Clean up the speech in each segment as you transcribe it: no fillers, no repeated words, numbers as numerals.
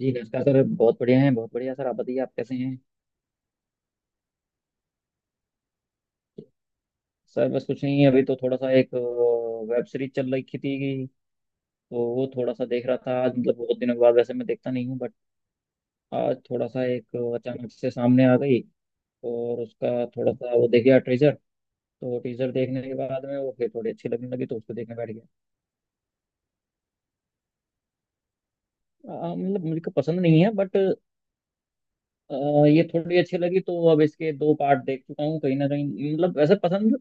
जी नमस्कार सर। बहुत बढ़िया हैं, बहुत बढ़िया सर। आप बताइए, आप कैसे हैं? सर बस कुछ नहीं, अभी तो थोड़ा सा एक वेब सीरीज चल रही थी, तो वो थोड़ा सा देख रहा था आज। मतलब बहुत दिनों के बाद, वैसे मैं देखता नहीं हूँ, बट आज थोड़ा सा एक अचानक से सामने आ गई। और उसका थोड़ा सा वो देख गया टीजर, तो टीजर देखने के बाद में वो फिर थोड़ी अच्छी लगने लगी, तो उसको देखने बैठ गया। मतलब मुझे को पसंद नहीं है, बट अ, ये थोड़ी अच्छी लगी, तो अब इसके दो पार्ट देख चुका हूँ। कहीं ना कहीं मतलब वैसे पसंद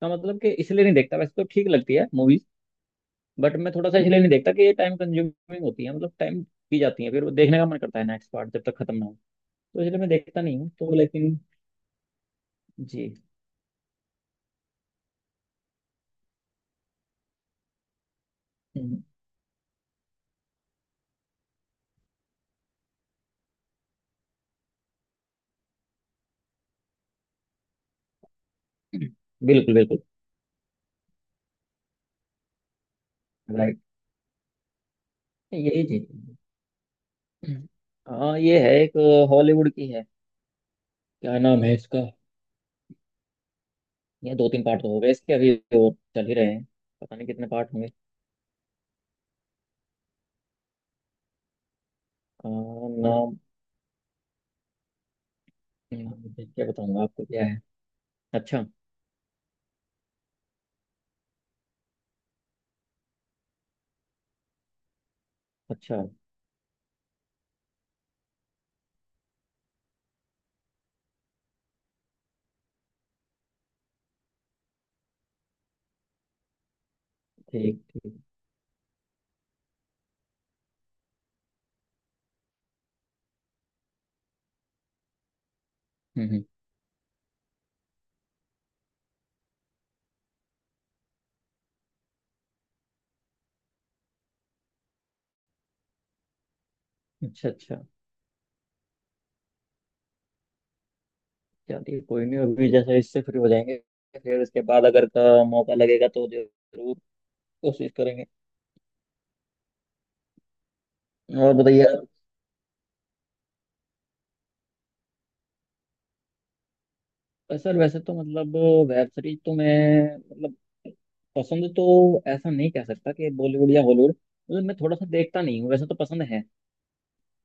का मतलब कि इसलिए नहीं देखता, वैसे तो ठीक लगती है मूवीज, बट मैं थोड़ा सा इसलिए नहीं देखता कि ये टाइम कंज्यूमिंग होती है। मतलब टाइम पी जाती है, फिर वो देखने का मन करता है नेक्स्ट पार्ट जब तक खत्म ना हो, तो इसलिए मैं देखता नहीं हूँ, तो लेकिन। जी। हम्म। बिल्कुल बिल्कुल। राइट। यही चीज। हाँ ये है एक, हॉलीवुड की है। क्या नाम है इसका? ये दो तीन पार्ट तो हो गए इसके, अभी और चल ही रहे हैं। पता नहीं कितने पार्ट होंगे। अ, नाम। ठीक है, बताऊंगा आपको क्या है। अच्छा अच्छा। ठीक ठीक। हम्म। अच्छा अच्छा। चलिए कोई नहीं, अभी जैसे इससे फ्री हो जाएंगे, फिर इसके बाद अगर का मौका लगेगा तो जरूर कोशिश करेंगे। और बताइए आप- सर वैसे तो मतलब वेब सीरीज तो मैं, मतलब पसंद तो ऐसा नहीं कह सकता कि बॉलीवुड या हॉलीवुड। मतलब मैं थोड़ा सा देखता नहीं हूँ, वैसे तो पसंद है,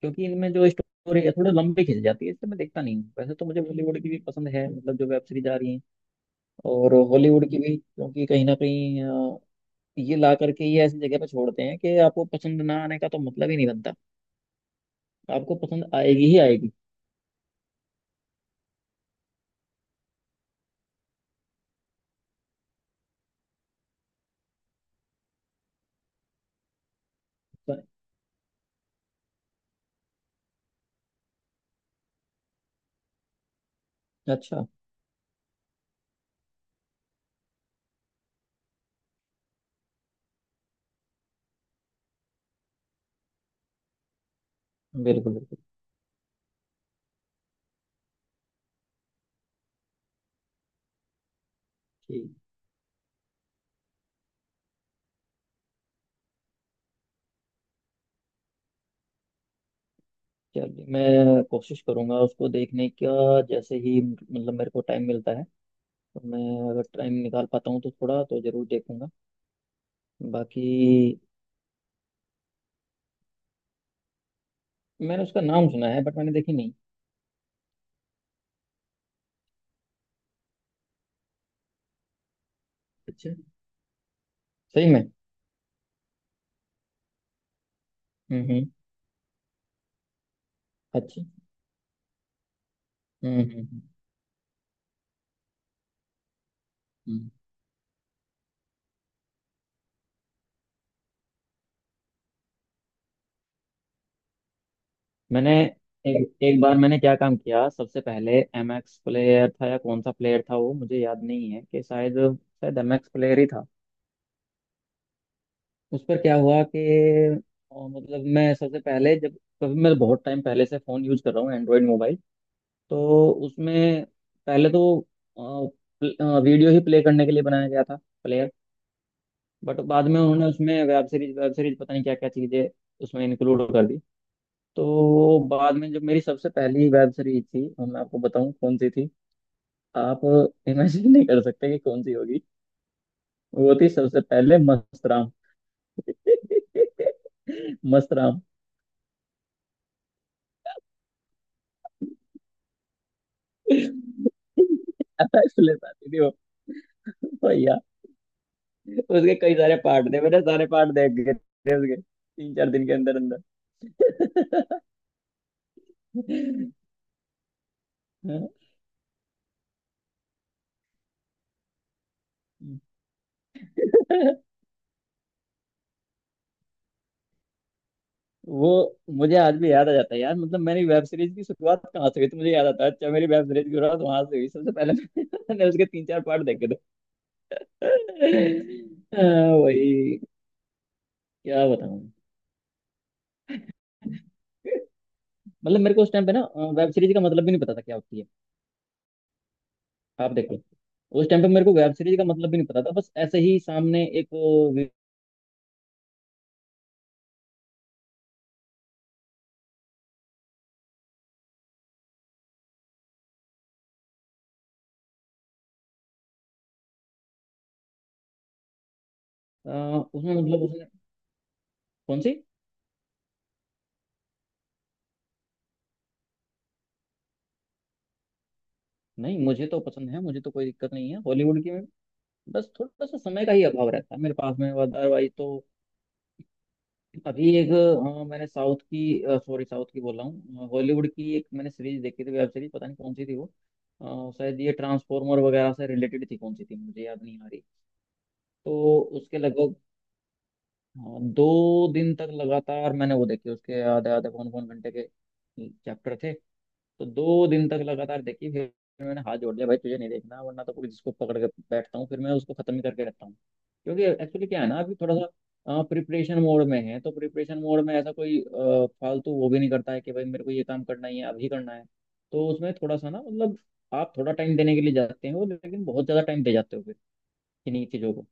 क्योंकि इनमें जो स्टोरी है थोड़ी लंबी खिंच जाती है, इसलिए मैं देखता नहीं हूँ। वैसे तो मुझे बॉलीवुड की भी पसंद है, मतलब जो वेब सीरीज आ रही है, और हॉलीवुड की भी, क्योंकि कहीं ना कहीं ये ला करके ये ऐसी जगह पे छोड़ते हैं कि आपको पसंद ना आने का तो मतलब ही नहीं बनता। आपको पसंद आएगी ही आएगी। अच्छा। बिल्कुल बिल्कुल। ठीक। चलिए मैं कोशिश करूंगा उसको देखने का, जैसे ही मतलब मेरे को टाइम मिलता है, तो मैं अगर टाइम निकाल पाता हूँ, तो थोड़ा तो जरूर देखूंगा। बाकी मैंने उसका नाम सुना है, बट मैंने देखी नहीं। अच्छा। सही में। हम्म। अच्छा। हम्म। हम्म। मैंने एक एक बार, मैंने क्या काम किया, सबसे पहले एम एक्स प्लेयर था या कौन सा प्लेयर था वो मुझे याद नहीं है, कि शायद शायद एम एक्स प्लेयर ही था। उस पर क्या हुआ कि मतलब मैं सबसे पहले जब, कभी मैं बहुत टाइम पहले से फ़ोन यूज कर रहा हूँ एंड्रॉयड मोबाइल, तो उसमें पहले तो वीडियो ही प्ले करने के लिए बनाया गया था प्लेयर। बट बाद में उन्होंने उसमें वेब सीरीज पता नहीं क्या क्या चीज़ें उसमें इंक्लूड कर दी। तो बाद में जब मेरी सबसे पहली वेब सीरीज थी, और मैं आपको बताऊं कौन सी थी? आप इमेजिन नहीं कर सकते कि कौन सी होगी। वो थी सबसे पहले मस्तराम। मस्तराम इसलिए आती थी वो, भैया। उसके कई सारे पार्ट थे, मैंने सारे पार्ट देख गए थे उसके तीन चार दिन के अंदर अंदर। वो मुझे आज भी याद आ जाता है यार, मतलब मेरी वेब सीरीज की शुरुआत कहाँ से हुई, तो मुझे याद आता है, अच्छा मेरी वेब सीरीज की शुरुआत वहां से हुई सबसे पहले। मैंने उसके तीन चार पार्ट देखे थे। हाँ, वही। क्या बताऊं। मतलब मेरे को उस टाइम पे ना वेब सीरीज का मतलब भी नहीं पता था क्या होती है। आप देखो, उस टाइम पे मेरे को वेब सीरीज का मतलब भी नहीं पता था, बस ऐसे ही सामने एक वे- अ, उसमें मतलब उसने, कौन सी? नहीं मुझे तो पसंद है, मुझे तो कोई दिक्कत नहीं है हॉलीवुड की में। बस थोड़ा सा समय का ही अभाव रहता है मेरे पास में, अदरवाइज तो अभी एक, मैंने साउथ की, सॉरी साउथ की बोल रहा हूँ, हॉलीवुड की एक मैंने सीरीज देखी थी वेब सीरीज, पता नहीं कौन सी थी वो। शायद ये ट्रांसफॉर्मर वगैरह से रिलेटेड थी, कौन सी थी मुझे याद नहीं आ रही। तो उसके लगभग, हाँ दो दिन तक लगातार मैंने वो देखी, उसके आधे आधे पौन पौन घंटे के चैप्टर थे। तो दो दिन तक लगातार देखी, फिर मैंने हाथ जोड़ लिया, भाई तुझे नहीं देखना, वरना तो कोई जिसको पकड़ के बैठता हूँ, फिर मैं उसको खत्म ही करके रखता हूँ। क्योंकि एक्चुअली क्या है ना, अभी थोड़ा सा प्रिपरेशन मोड में है, तो प्रिपरेशन मोड में ऐसा कोई फालतू वो भी नहीं करता है कि भाई मेरे को ये काम करना ही है, अभी करना है। तो उसमें थोड़ा सा ना मतलब, आप थोड़ा टाइम देने के लिए जाते हो, लेकिन बहुत ज्यादा टाइम दे जाते हो फिर इन्हीं चीजों को।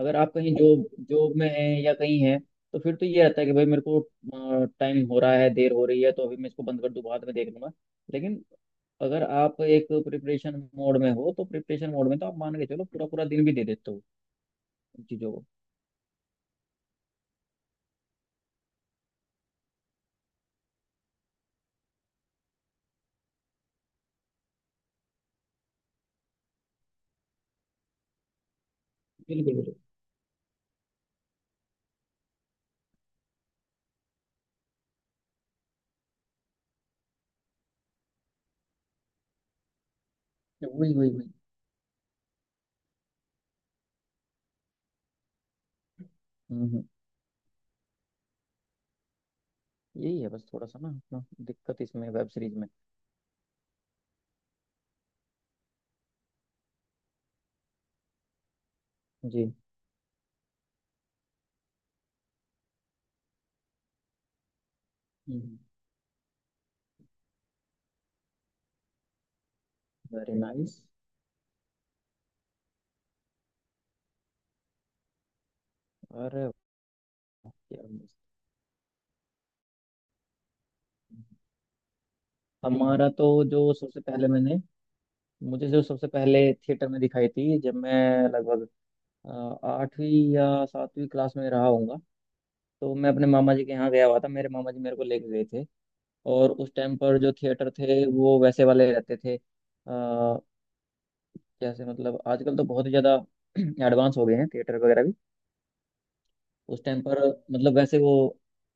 अगर आप कहीं जॉब जॉब में हैं या कहीं हैं, तो फिर तो ये रहता है कि भाई मेरे को टाइम हो रहा है, देर हो रही है, तो अभी मैं इसको बंद कर दूं, बाद में देख लूंगा। लेकिन अगर आप एक प्रिपरेशन मोड में हो, तो प्रिपरेशन मोड में तो आप मान के चलो पूरा पूरा दिन भी दे देते हो उन चीज़ों को। बिल्कुल बिल्कुल। वही वही वही। हम्म हम्म। यही है, बस थोड़ा सा ना अपना दिक्कत इसमें वेब सीरीज में। जी। हम्म। Very nice. अरे वाह, क्या मस्त। हम्म। हमारा तो जो सबसे पहले मैंने, मुझे जो सबसे पहले थिएटर में दिखाई थी, जब मैं लगभग अ, आठवीं या सातवीं क्लास में रहा होऊंगा, तो मैं अपने मामा जी के यहाँ गया हुआ था, मेरे मामा जी मेरे को लेके गए थे। और उस टाइम पर जो थिएटर थे वो वैसे वाले रहते थे, जैसे मतलब आजकल तो बहुत ही ज़्यादा एडवांस हो गए हैं थिएटर वगैरह भी। उस टाइम पर मतलब वैसे वो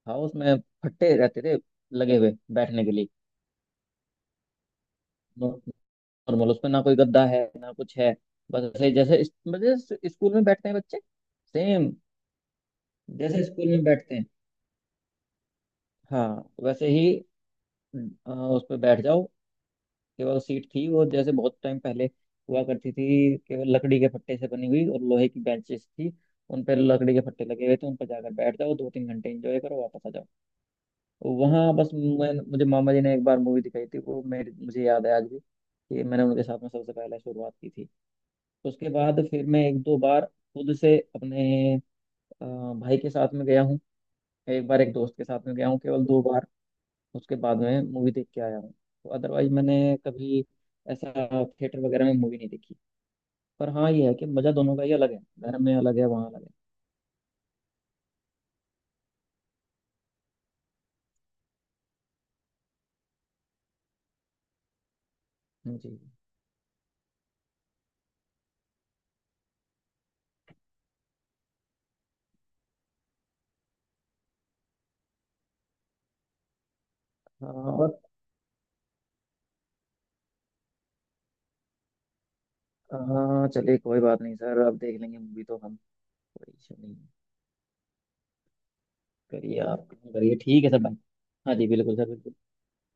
था, उसमें फट्टे रहते थे लगे हुए बैठने के लिए। नो- नॉर्मल उसमें ना कोई गद्दा है ना कुछ है, बस ऐसे ही जैसे मतलब जैसे स्कूल में बैठते हैं बच्चे, सेम जैसे स्कूल में बैठते हैं, हाँ वैसे ही उस पर बैठ जाओ। केवल सीट थी वो, जैसे बहुत टाइम पहले हुआ करती थी, केवल लकड़ी के फट्टे से बनी हुई, और लोहे की बेंचेस थी, उन पर लकड़ी के फट्टे लगे हुए थे, उन पर जाकर बैठ जाओ, दो तीन घंटे एंजॉय करो, वापस आ जाओ। वहाँ बस मैं, मुझे मामा जी ने एक बार मूवी दिखाई थी, वो मेरे मुझे याद है आज भी, कि मैंने उनके साथ में सबसे पहले शुरुआत की थी। उसके बाद फिर मैं एक दो बार खुद से अपने अ, भाई के साथ में गया हूँ, एक बार एक दोस्त के साथ में गया हूँ, केवल दो बार उसके बाद में मूवी देख के आया हूँ। तो अदरवाइज मैंने कभी ऐसा थिएटर वगैरह में मूवी नहीं देखी। पर हाँ ये है कि मज़ा दोनों का ही अलग है, घर में अलग है, वहाँ अलग है। जी। हाँ और। हाँ चलिए कोई बात नहीं सर, अब देख लेंगे मूवी तो हम, कोई इशू नहीं है। करिए आप, करिए ठीक है सर, बाय। हाँ जी बिल्कुल सर, बिल्कुल।